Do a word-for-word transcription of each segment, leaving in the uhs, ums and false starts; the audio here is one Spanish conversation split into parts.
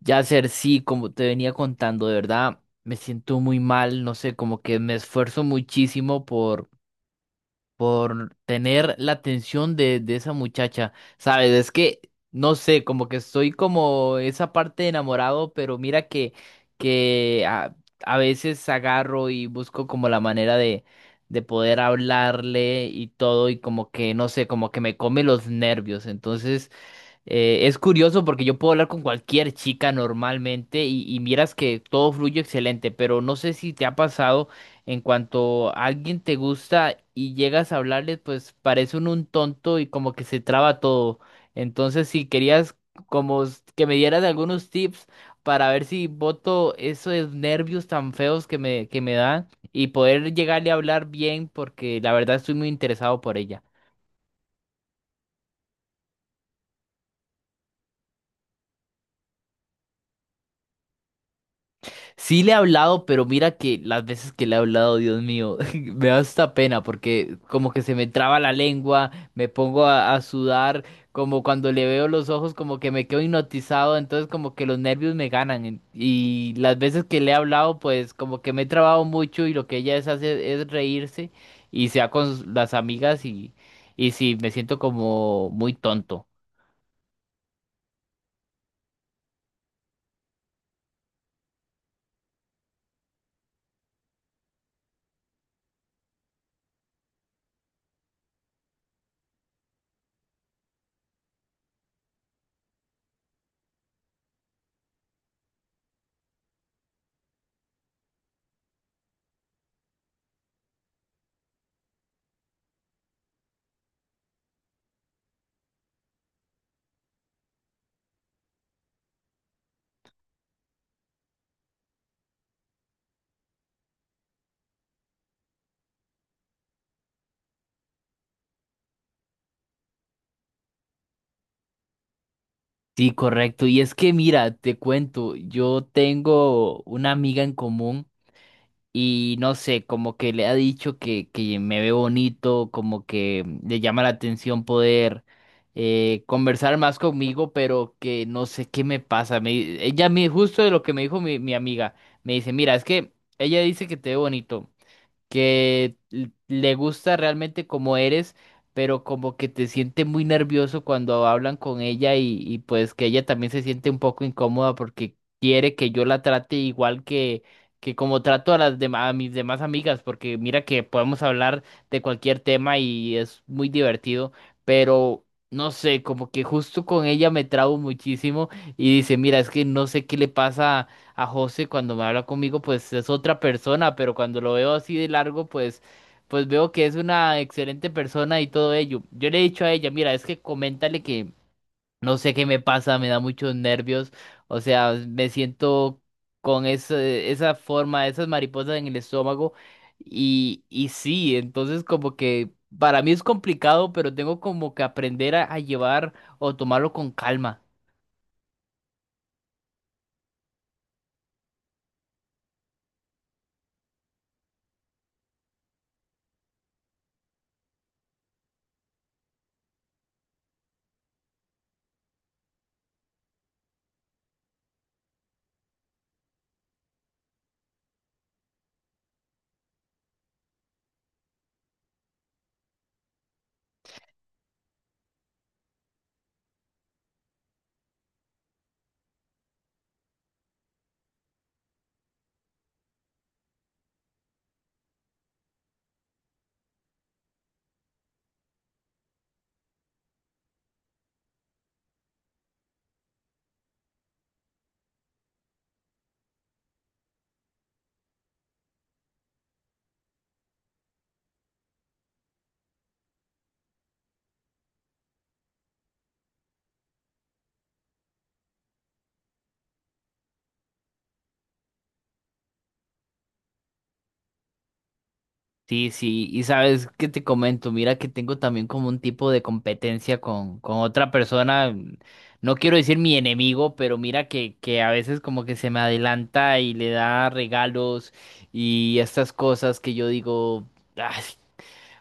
Ya ser sí, como te venía contando, de verdad me siento muy mal, no sé, como que me esfuerzo muchísimo por, por tener la atención de, de esa muchacha, ¿sabes? Es que, no sé, como que estoy como esa parte de enamorado, pero mira que, que a, a veces agarro y busco como la manera de, de poder hablarle y todo, y como que, no sé, como que me come los nervios, entonces... Eh, es curioso porque yo puedo hablar con cualquier chica normalmente y, y miras que todo fluye excelente, pero no sé si te ha pasado en cuanto a alguien te gusta y llegas a hablarle, pues parece uno un tonto y como que se traba todo. Entonces, si querías como s- que me dieras algunos tips para ver si boto esos nervios tan feos que me, que me dan y poder llegarle a hablar bien porque la verdad estoy muy interesado por ella. Sí le he hablado, pero mira que las veces que le he hablado, Dios mío, me da hasta pena porque como que se me traba la lengua, me pongo a, a sudar, como cuando le veo los ojos como que me quedo hipnotizado, entonces como que los nervios me ganan en- y las veces que le he hablado pues como que me he trabado mucho y lo que ella es hace es reírse y sea con s- las amigas y, y sí, me siento como muy tonto. Sí, correcto. Y es que mira, te cuento, yo tengo una amiga en común. Y no sé, como que le ha dicho que, que me ve bonito, como que le llama la atención poder eh, conversar más conmigo, pero que no sé qué me pasa. Me- ella me, justo de lo que me dijo mi, mi amiga, me dice, mira, es que ella dice que te ve bonito que l- le gusta realmente como eres, pero como que te siente muy nervioso cuando hablan con ella y, y pues que ella también se siente un poco incómoda porque quiere que yo la trate igual que, que como trato a las demás, a mis demás amigas, porque mira que podemos hablar de cualquier tema y es muy divertido, pero no sé, como que justo con ella me trabo muchísimo y dice, mira, es que no sé qué le pasa a José cuando me habla conmigo, pues es otra persona, pero cuando lo veo así de largo, pues, pues veo que es una excelente persona y todo ello. Yo le he dicho a ella, mira, es que coméntale que no sé qué me pasa, me da muchos nervios, o sea, me siento con ese- esa forma, esas mariposas en el estómago y, y sí, entonces como que para mí es complicado, pero tengo como que aprender a a llevar o tomarlo con calma. Sí, sí, y sabes qué te comento, mira que tengo también como un tipo de competencia con, con otra persona, mm, no quiero decir mi enemigo, pero mira que, que a veces como que se me adelanta y le da regalos y estas cosas que yo digo, "Ay",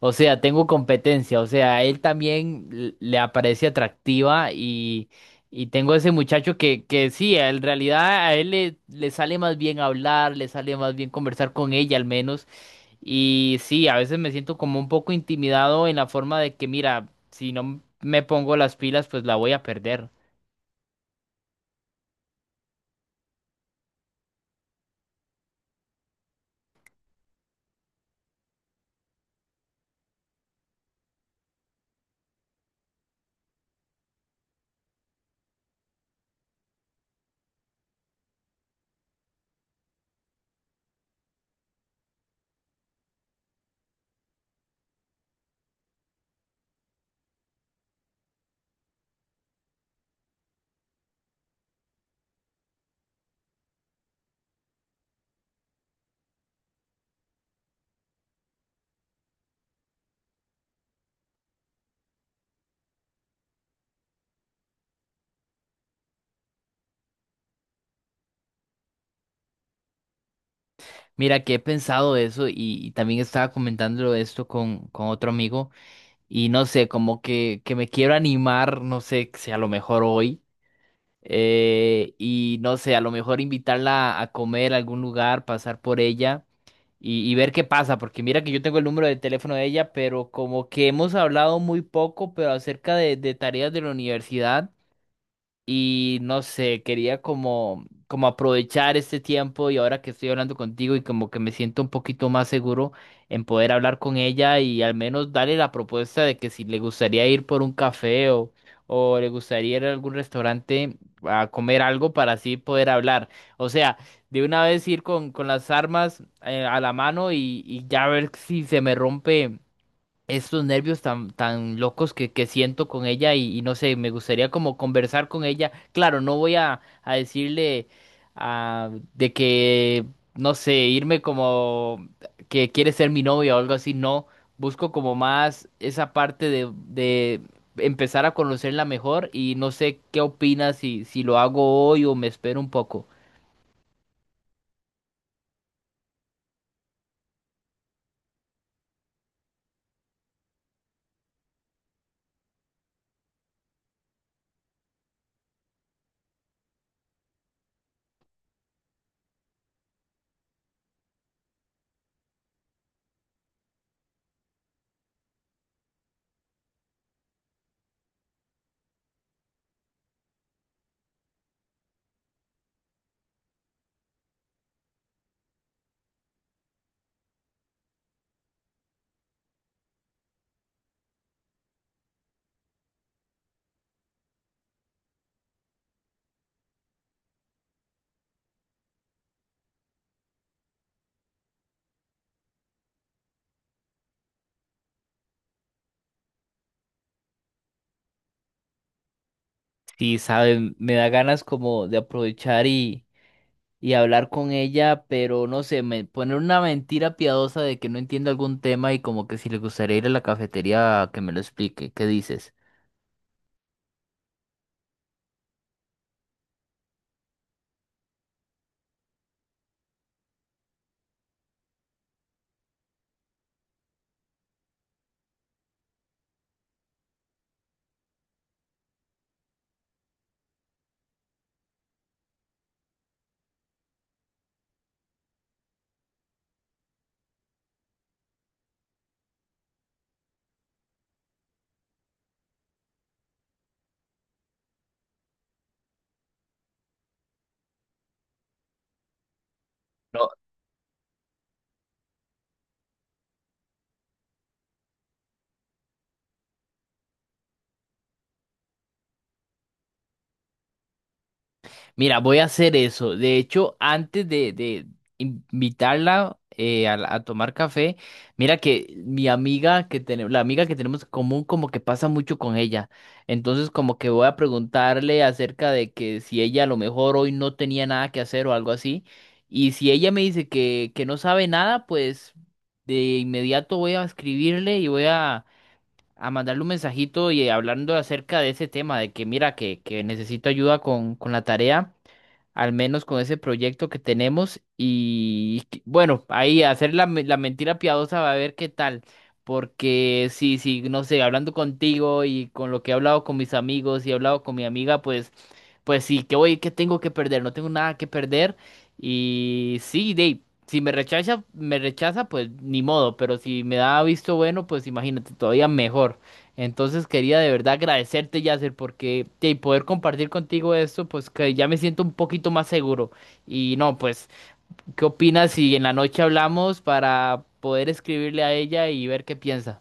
o sea, tengo competencia, o sea, a él también l- le aparece atractiva y, y tengo ese muchacho que, que sí, en realidad a él le, le sale más bien hablar, le sale más bien conversar con ella al menos. Y sí, a veces me siento como un poco intimidado en la forma de que, mira, si no me pongo las pilas, pues la voy a perder. Mira, que he pensado de eso y, y también estaba comentándolo de esto con, con otro amigo y no sé, como que, que me quiero animar, no sé, si a lo mejor hoy eh, y no sé, a lo mejor invitarla a comer a algún lugar, pasar por ella y, y ver qué pasa, porque mira que yo tengo el número de teléfono de ella, pero como que hemos hablado muy poco, pero acerca de, de tareas de la universidad. Y no sé, quería como, como aprovechar este tiempo y ahora que estoy hablando contigo y como que me siento un poquito más seguro en poder hablar con ella y al menos darle la propuesta de que si le gustaría ir por un café o, o le gustaría ir a algún restaurante a comer algo para así poder hablar. O sea, de una vez ir con, con las armas eh, a la mano y, y ya ver si se me rompe estos nervios tan, tan locos que, que siento con ella y, y no sé, me gustaría como conversar con ella. Claro, no voy a, a decirle ah, de que, no sé, irme como que quiere ser mi novia o algo así, no. Busco como más esa parte de, de empezar a conocerla mejor y no sé qué opinas si, si lo hago hoy o me espero un poco. Sí, saben, me da ganas como de aprovechar y... y hablar con ella, pero no sé, me poner una mentira piadosa de que no entiendo algún tema y como que si le gustaría ir a la cafetería a que me lo explique. ¿Qué dices? No, mira, voy a hacer eso. De hecho, antes de, de invitarla eh, a, la- a tomar café, mira que mi amiga que tenemos, la amiga que tenemos en común, como que pasa mucho con ella. Entonces, como que voy a preguntarle acerca de que si ella a lo mejor hoy no tenía nada que hacer o algo así. Y si ella me dice que, que no sabe nada, pues de inmediato voy a escribirle y voy a, a mandarle un mensajito y hablando acerca de ese tema, de que mira que, que necesito ayuda con, con la tarea al menos con ese proyecto que tenemos. Y que- bueno, ahí hacer la, me- la mentira piadosa va a ver qué tal. Porque sí, sí, no sé, hablando contigo y con lo que he hablado con mis amigos y he hablado con mi amiga, pues pues sí, ¿qué voy, qué tengo que perder? No tengo nada que perder. Y sí, Dave, si me rechaza, me rechaza, pues ni modo. Pero si me da visto bueno, pues imagínate, todavía mejor. Entonces quería de verdad agradecerte, Yasser, porque de poder compartir contigo esto, pues que ya me siento un poquito más seguro. Y no, pues, ¿qué opinas si en la noche hablamos para poder escribirle a ella y ver qué piensa?